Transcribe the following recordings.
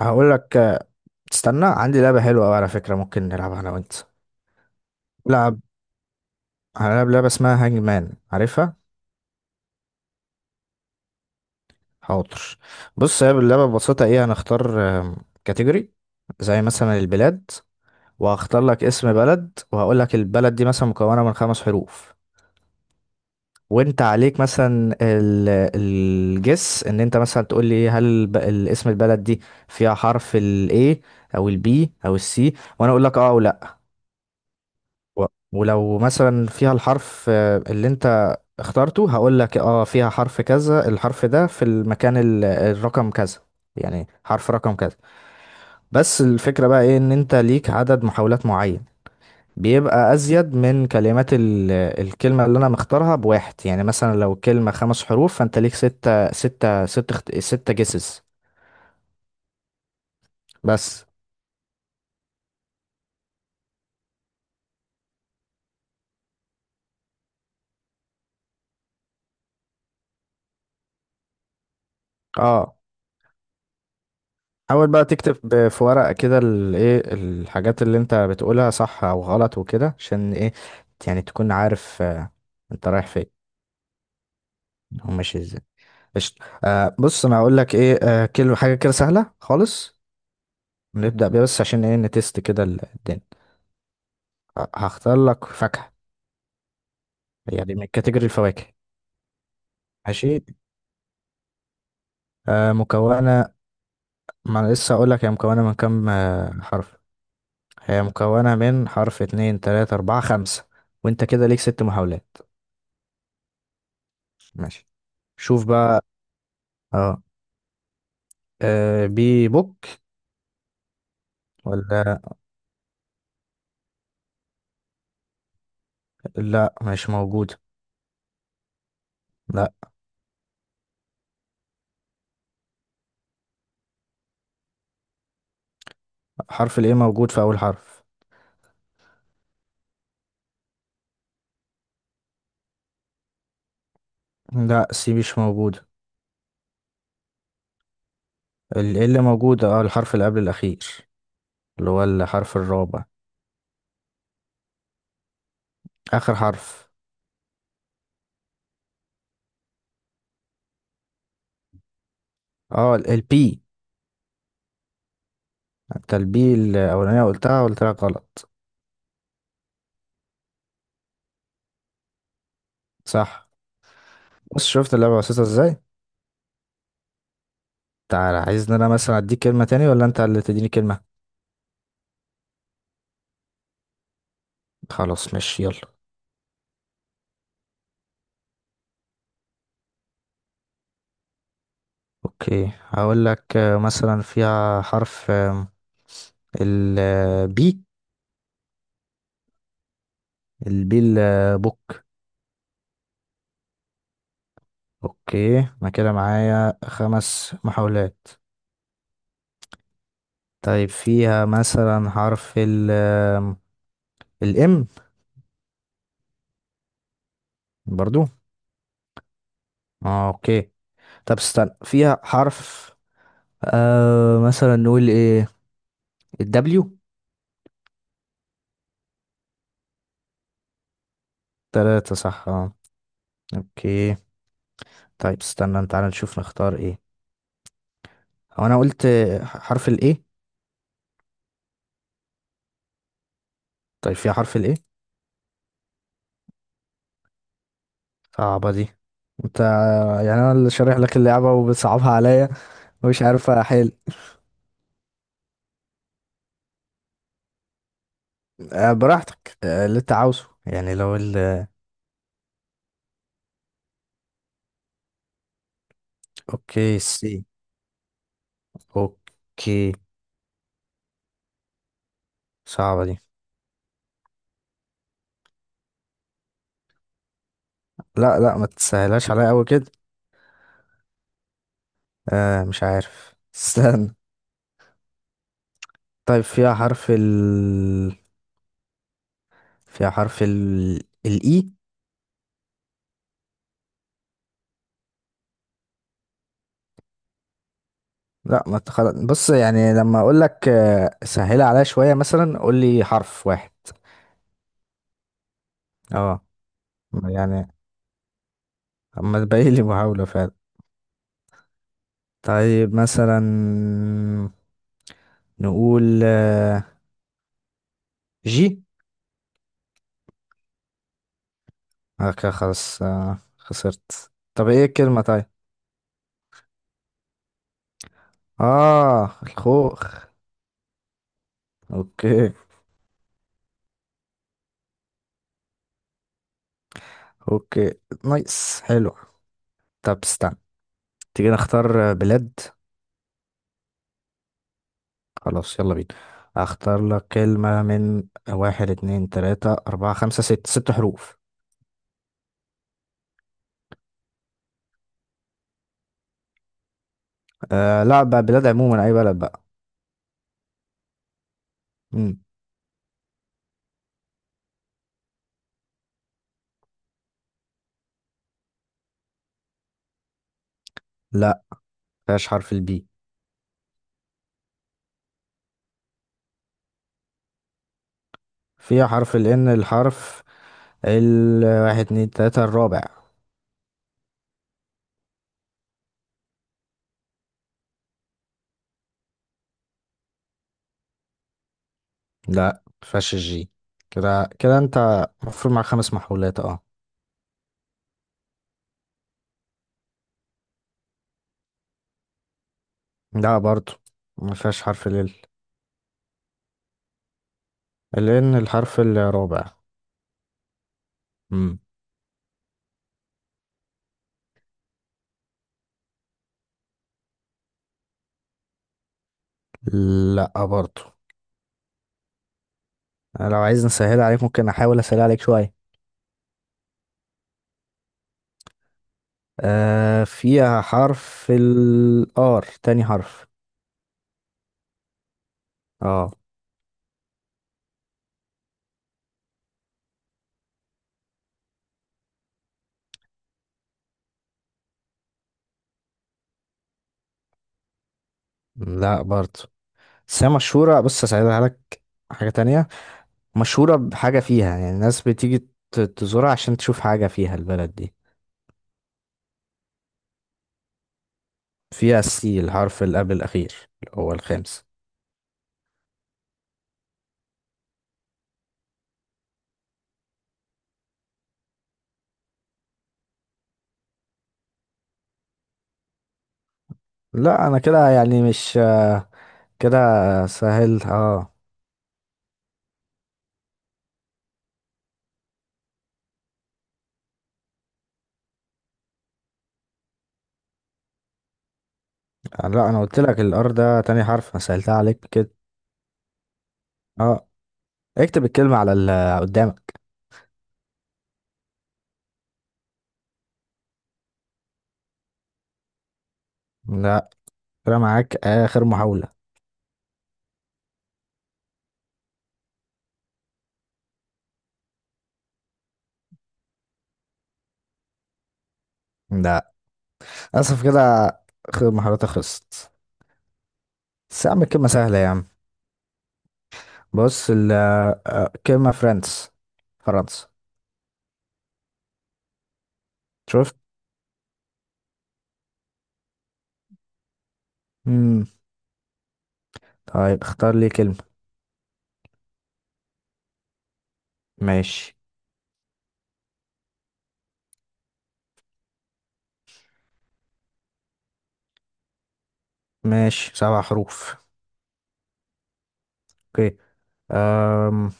هقول لك. تستنى، عندي لعبة حلوة أوي على فكرة، ممكن نلعبها أنا وأنت. لعب هنلعب لعبة اسمها هانج مان، عارفها؟ حاضر. بص، هي اللعبة ببساطة إيه. هنختار كاتيجوري زي مثلا البلاد، وهختار لك اسم بلد، وهقول لك البلد دي مثلا مكونة من 5 حروف، وأنت عليك مثلا الجس إن أنت مثلا تقول لي، هل الاسم البلد دي فيها حرف ال A أو ال B أو ال C، وأنا أقول لك أه أو لأ. و- ولو مثلا فيها الحرف اللي أنت اخترته، هقول لك اه فيها حرف كذا، الحرف ده في المكان الرقم كذا، يعني حرف رقم كذا. بس الفكرة بقى ايه، ان انت ليك عدد محاولات معين، بيبقى ازيد من كلمات الكلمة اللي انا مختارها بواحد. يعني مثلا لو كلمة 5 حروف، فانت ليك 6 جيسز. بس اه، حاول بقى تكتب في ورقة كده الايه الحاجات اللي انت بتقولها صح او غلط وكده، عشان ايه، يعني تكون عارف انت رايح فين وماشي ازاي. قشطة. بص، انا هقول لك ايه، كل حاجه كده سهله خالص. نبدا بيها بس عشان ايه نتست كده الدنيا. هختار لك فاكهه، يعني من كاتيجوري الفواكه. ماشي. آه، مكونه، ما انا لسه هقول لك هي مكونه من كام حرف. هي مكونه من حرف، اتنين، تلاته، اربعه، خمسه، وانت كده ليك 6 محاولات. ماشي. شوف بقى. اه, بي بوك ولا؟ لا، مش موجود. لا، حرف الايه موجود في اول حرف. لا، سي مش موجود. اللي موجودة الحرف اللي قبل الأخير، اللي هو الحرف الرابع، آخر حرف. اه، البي. انت البي الأولانية قلتها قلت لك غلط. صح. بص، شفت اللعبة بسيطة ازاي؟ تعالى، عايزني انا مثلا اديك كلمة تاني، ولا انت اللي تديني كلمة؟ خلاص، ماشي، يلا. اوكي، هقول لك مثلا فيها حرف البي البي البوك. اوكي، انا كده معايا 5 محاولات. طيب، فيها مثلا حرف الام؟ برضو. اه. اوكي. طب استنى، فيها حرف مثلا نقول ايه، الدبليو؟ تلاتة صح، اه. اوكي. طيب استنى، تعالى نشوف نختار ايه. هو انا قلت حرف الايه؟ طيب، فيها حرف الايه؟ صعبة دي. انت يعني انا اللي شارح لك اللعبة وبتصعبها عليا، ومش عارف احل. براحتك، اللي انت عاوزه. يعني لو اوكي، سي. اوكي. صعبة دي. لا، لا، ما تسهلهاش عليا قوي كده. مش عارف، استنى. طيب فيها حرف ال الإي؟ لا، ما أنت خلاص. بص، يعني لما أقول لك سهلها عليا شوية، مثلا قول لي حرف واحد. اه. يعني أما تبقى لي محاولة فعلا. طيب مثلا نقول جي. كده خلاص، خسرت. طب ايه الكلمة؟ طيب. اه، الخوخ. اوكي. اوكي. نايس، حلو. طب استنى، تيجي نختار بلاد. خلاص، يلا بينا، اختار لك كلمة من واحد، اتنين، تلاتة، اربعة، خمسة، ست، ست حروف. آه، لا، بقى بلاد عموما، اي بلد بقى. مم. لا، مفيهاش حرف البي. فيها حرف الان، الحرف الواحد، اتنين، تلاتة، الرابع. لا، مفيهاش الجي. كده كده انت المفروض مع 5 محاولات، اه. لا، برضو مفيهاش حرف ال الان، الحرف الرابع. مم. لا، برضو. أنا لو عايز نسهل عليك، ممكن احاول اسهل عليك شوية. فيها حرف الآر، تاني حرف. اه. لا، برضه. بس هي مشهورة. بص، هساعدها لك حاجة تانية. مشهورة بحاجة فيها، يعني الناس بتيجي تزورها عشان تشوف حاجة فيها البلد دي. فيها السي، الحرف اللي قبل الأخير، اللي هو الخامس. لا، أنا كده يعني مش كده سهل، اه. لا، أنا قلت لك الآر ده تاني حرف، أنا سهلتها عليك كده. اه. اكتب الكلمة على اللي قدامك. لا، كده معاك آخر محاولة. لا، للأسف كده، محاولاتي خلصت. بس يا عم الكلمة سهلة يا عم. بص، ال آه، كلمة فرنسا. شفت؟ مم. طيب، اختار لي كلمة. ماشي، ماشي، 7 حروف. اوكي. أم.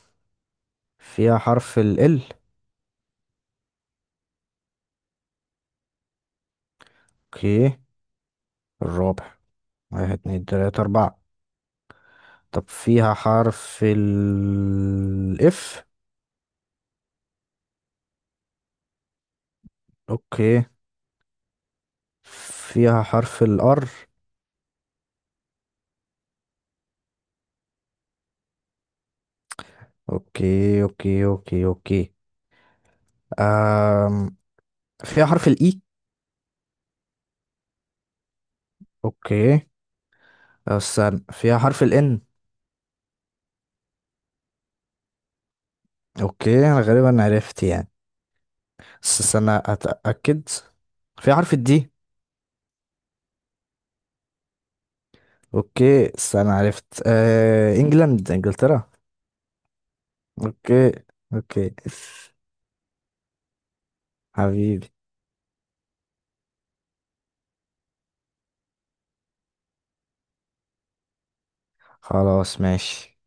فيها حرف ال ال؟ اوكي، الرابع. واحد، اتنين، تلاتة، أربعة. طب فيها حرف ال اف؟ اوكي. فيها حرف الار؟ اوكي، اوكي، اوكي، اوكي. أم. فيها حرف الاي؟ اوكي. استنى، فيها حرف ال N؟ اوكي، انا غالبا عرفت يعني، بس استنى اتاكد. فيها حرف الدي؟ اوكي، استنى، عرفت. انجلترا. اوكي. اوكي. حبيبي. خلاص، ماشي.